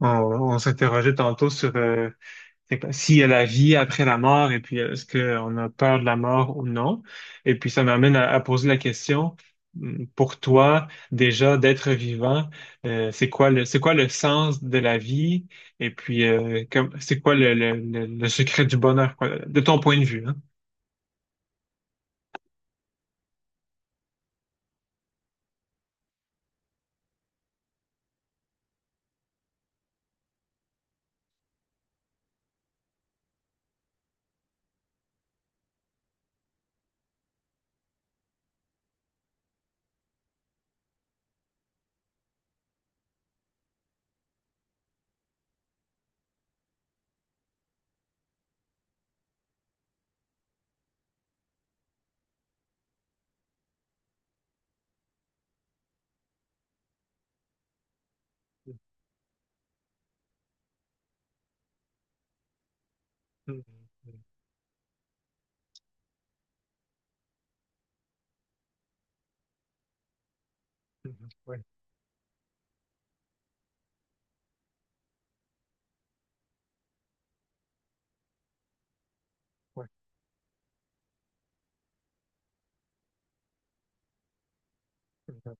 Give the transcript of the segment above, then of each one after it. On, on s'interrogeait tantôt sur c'est s'il y a la vie après la mort et puis est-ce qu'on a peur de la mort ou non. Et puis ça m'amène à poser la question, pour toi, déjà d'être vivant, c'est quoi c'est quoi le sens de la vie et puis c'est quoi le secret du bonheur, quoi, de ton point de vue, hein? Mhm, mhm, mhm, ouais, ouais.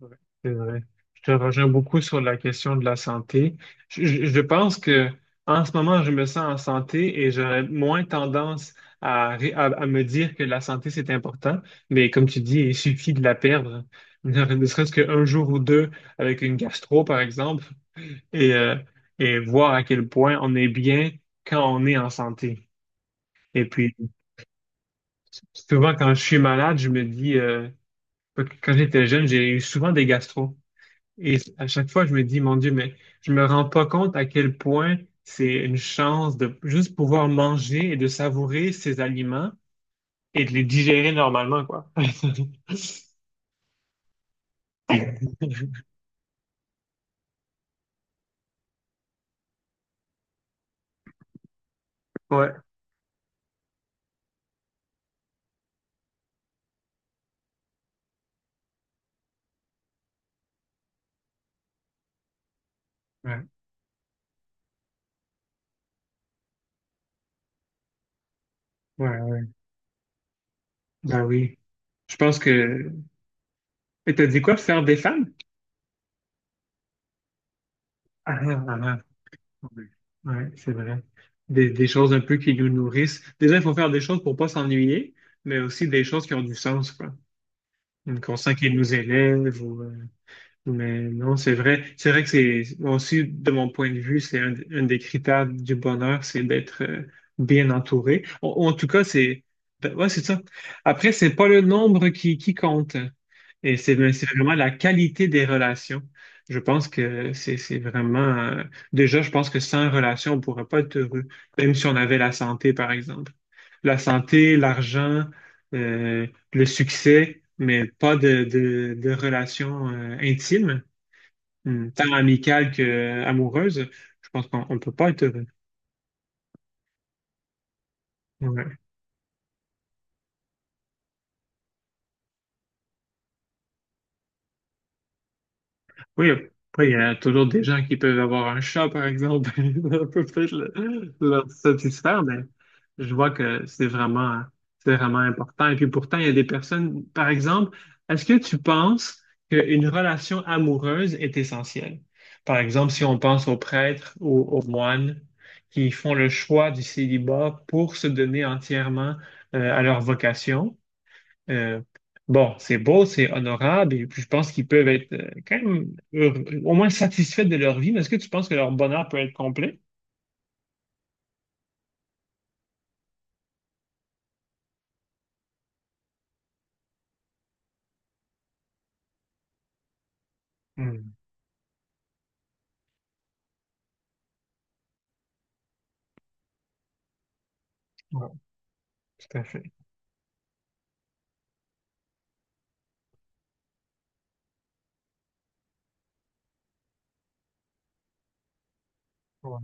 Ouais, c'est vrai. Je te rejoins beaucoup sur la question de la santé. Je pense que en ce moment, je me sens en santé et j'aurais moins tendance à me dire que la santé, c'est important. Mais comme tu dis, il suffit de la perdre, ne serait-ce qu'un jour ou deux avec une gastro, par exemple, et, euh, et voir à quel point on est bien quand on est en santé. Et puis, souvent, quand je suis malade, je me dis, quand j'étais jeune, j'ai eu souvent des gastros. Et à chaque fois, je me dis, mon Dieu, mais je me rends pas compte à quel point c'est une chance de juste pouvoir manger et de savourer ces aliments et de les digérer normalement, quoi. Ouais, ouais, ouais, ouais. Ben oui. Je pense que... Et t'as dit quoi, faire des femmes? Ah, ah, ah, ah. Ouais, c'est vrai. Des choses un peu qui nous nourrissent. Déjà, il faut faire des choses pour pas s'ennuyer, mais aussi des choses qui ont du sens, quoi. Qu'on sent qu'ils nous élèvent ou... Mais non, c'est vrai. C'est vrai que c'est moi aussi, de mon point de vue, c'est un des critères du bonheur, c'est d'être bien entouré. En tout cas, c'est ben, ouais, c'est ça. Après, c'est pas le nombre qui compte. Et c'est mais c'est vraiment la qualité des relations. Je pense que c'est vraiment déjà, je pense que sans relation, on pourrait pas être heureux, même si on avait la santé, par exemple. La santé, l'argent, euh, le succès, mais pas de relations intimes. Tant amicale que amoureuse, je pense qu'on ne peut pas être heureux. Ouais. Oui, après, il y a toujours des gens qui peuvent avoir un chat, par exemple, et on peut peut-être leur satisfaire, mais je vois que c'est c'est vraiment important. Et puis pourtant, il y a des personnes, par exemple, est-ce que tu penses qu'une relation amoureuse est essentielle? Par exemple, si on pense aux prêtres ou aux moines qui font le choix du célibat pour se donner entièrement à leur vocation. Euh, bon, c'est beau, c'est honorable, et puis je pense qu'ils peuvent être quand même au moins satisfaits de leur vie, mais est-ce que tu penses que leur bonheur peut être complet? Hmm, ouais, tout à fait. Ouais.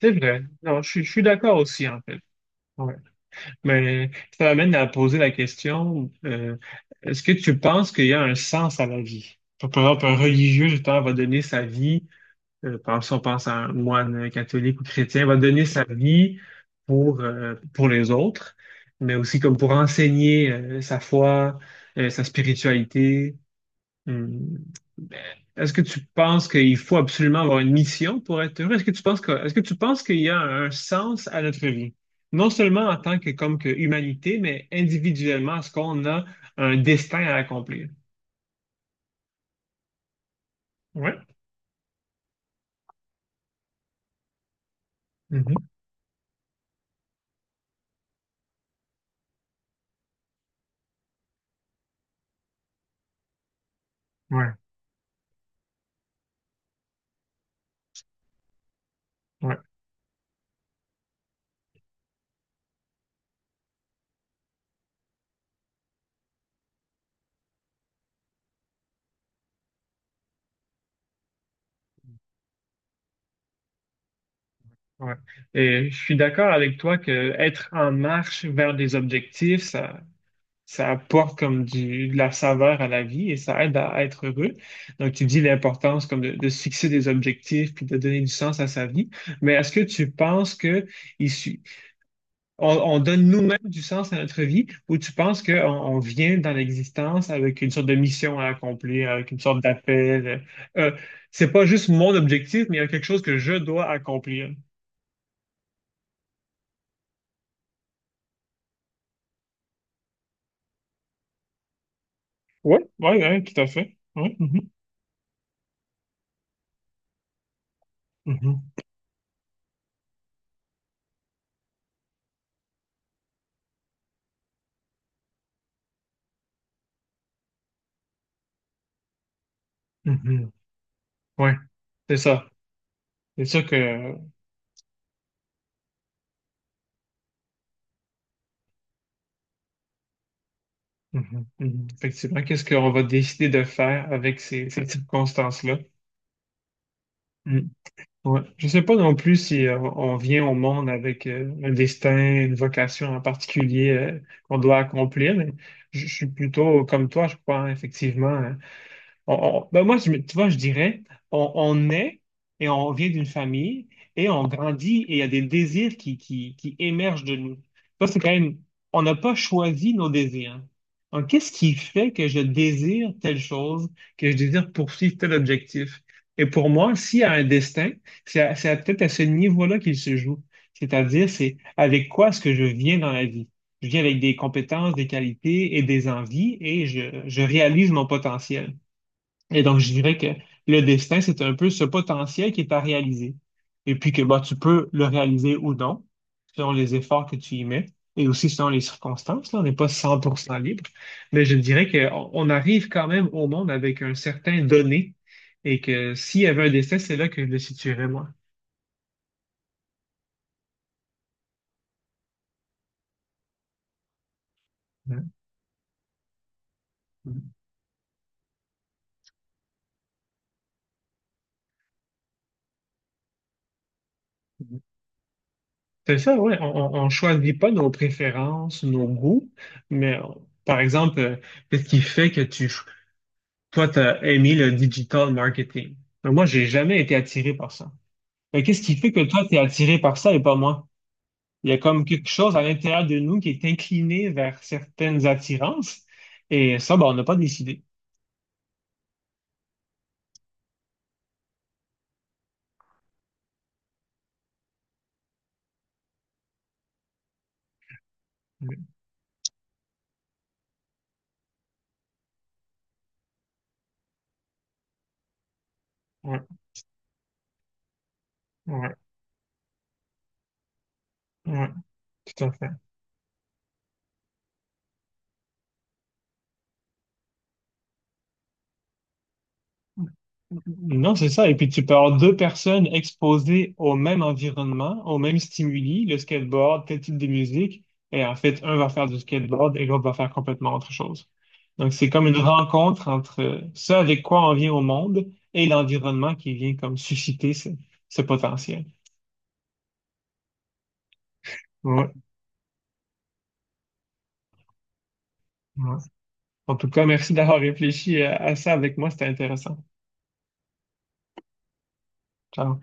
C'est vrai. Non, je suis d'accord aussi, en fait. Ouais. Mais ça m'amène à poser la question, est-ce que tu penses qu'il y a un sens à la vie? Par exemple, un religieux, justement, va donner sa vie. Pense, si on pense à un moine catholique ou chrétien, va donner sa vie pour les autres, mais aussi comme pour enseigner sa foi, sa spiritualité. Hum, ben, est-ce que tu penses qu'il faut absolument avoir une mission pour être heureux? Est-ce que tu penses que, est-ce que tu penses qu'il y a un sens à notre vie? Non seulement en tant que, comme que humanité, mais individuellement, est-ce qu'on a un destin à accomplir? Ouais. Mhm. Ouais. Ouais. Ouais. Et je suis d'accord avec toi que être en marche vers des objectifs, ça apporte comme du, de la saveur à la vie et ça aide être heureux. Donc, tu dis l'importance comme de se fixer des objectifs puis de donner du sens à sa vie. Mais est-ce que tu penses que il su- on donne nous-mêmes du sens à notre vie ou tu penses qu'on on vient dans l'existence avec une sorte de mission à accomplir, avec une sorte d'appel? Euh, c'est pas juste mon objectif, mais il y a quelque chose que je dois accomplir. Oui, oui, oui, tout à fait. Oui, mhm, mhm, mhm. Ouais, c'est ça. C'est ça que, mhm, mhm, effectivement, qu'est-ce qu'on va décider de faire avec ces circonstances-là? Mm. Ouais. Je ne sais pas non plus si on vient au monde avec un destin, une vocation en particulier qu'on doit accomplir, mais je suis plutôt comme toi, je crois, hein, effectivement, hein, on- ben moi, tu vois, je dirais, on naît et on vient d'une famille et on grandit et il y a des désirs qui émergent de nous. Ça, c'est quand même, on n'a pas choisi nos désirs. Donc, qu'est-ce qui fait que je désire telle chose, que je désire poursuivre tel objectif? Et pour moi, s'il y a un destin, c'est peut-être à ce niveau-là qu'il se joue. C'est-à-dire, c'est avec quoi est-ce que je viens dans la vie? Je viens avec des compétences, des qualités et des envies et je réalise mon potentiel. Et donc, je dirais que le destin, c'est un peu ce potentiel qui est à réaliser. Et puis que bah, tu peux le réaliser ou non, selon les efforts que tu y mets et aussi selon les circonstances. Là, on n'est pas 100% libre, mais je dirais qu'on on arrive quand même au monde avec un certain donné et que s'il y avait un destin, c'est là que je le situerais moi. Hein? C'est ça, oui. On ne choisit pas nos préférences, nos goûts, mais par exemple, qu'est-ce qui fait que tu toi, tu as aimé le digital marketing. Mais moi, j'ai jamais été attiré par ça. Mais qu'est-ce qui fait que toi, tu es attiré par ça et pas moi? Il y a comme quelque chose à l'intérieur de nous qui est incliné vers certaines attirances. Et ça, ben, on n'a pas décidé. Ouais, ouais, ouais, ouais, tout à fait. Non, c'est ça. Et puis tu peux avoir deux personnes exposées au même environnement, au même stimuli, le skateboard, tel type de musique, et en fait, un va faire du skateboard et l'autre va faire complètement autre chose. Donc c'est comme une rencontre entre ce avec quoi on vient au monde et l'environnement qui vient comme susciter ce potentiel. Ouais, ouais. En tout cas, merci d'avoir réfléchi à ça avec moi, c'était intéressant. Ciao.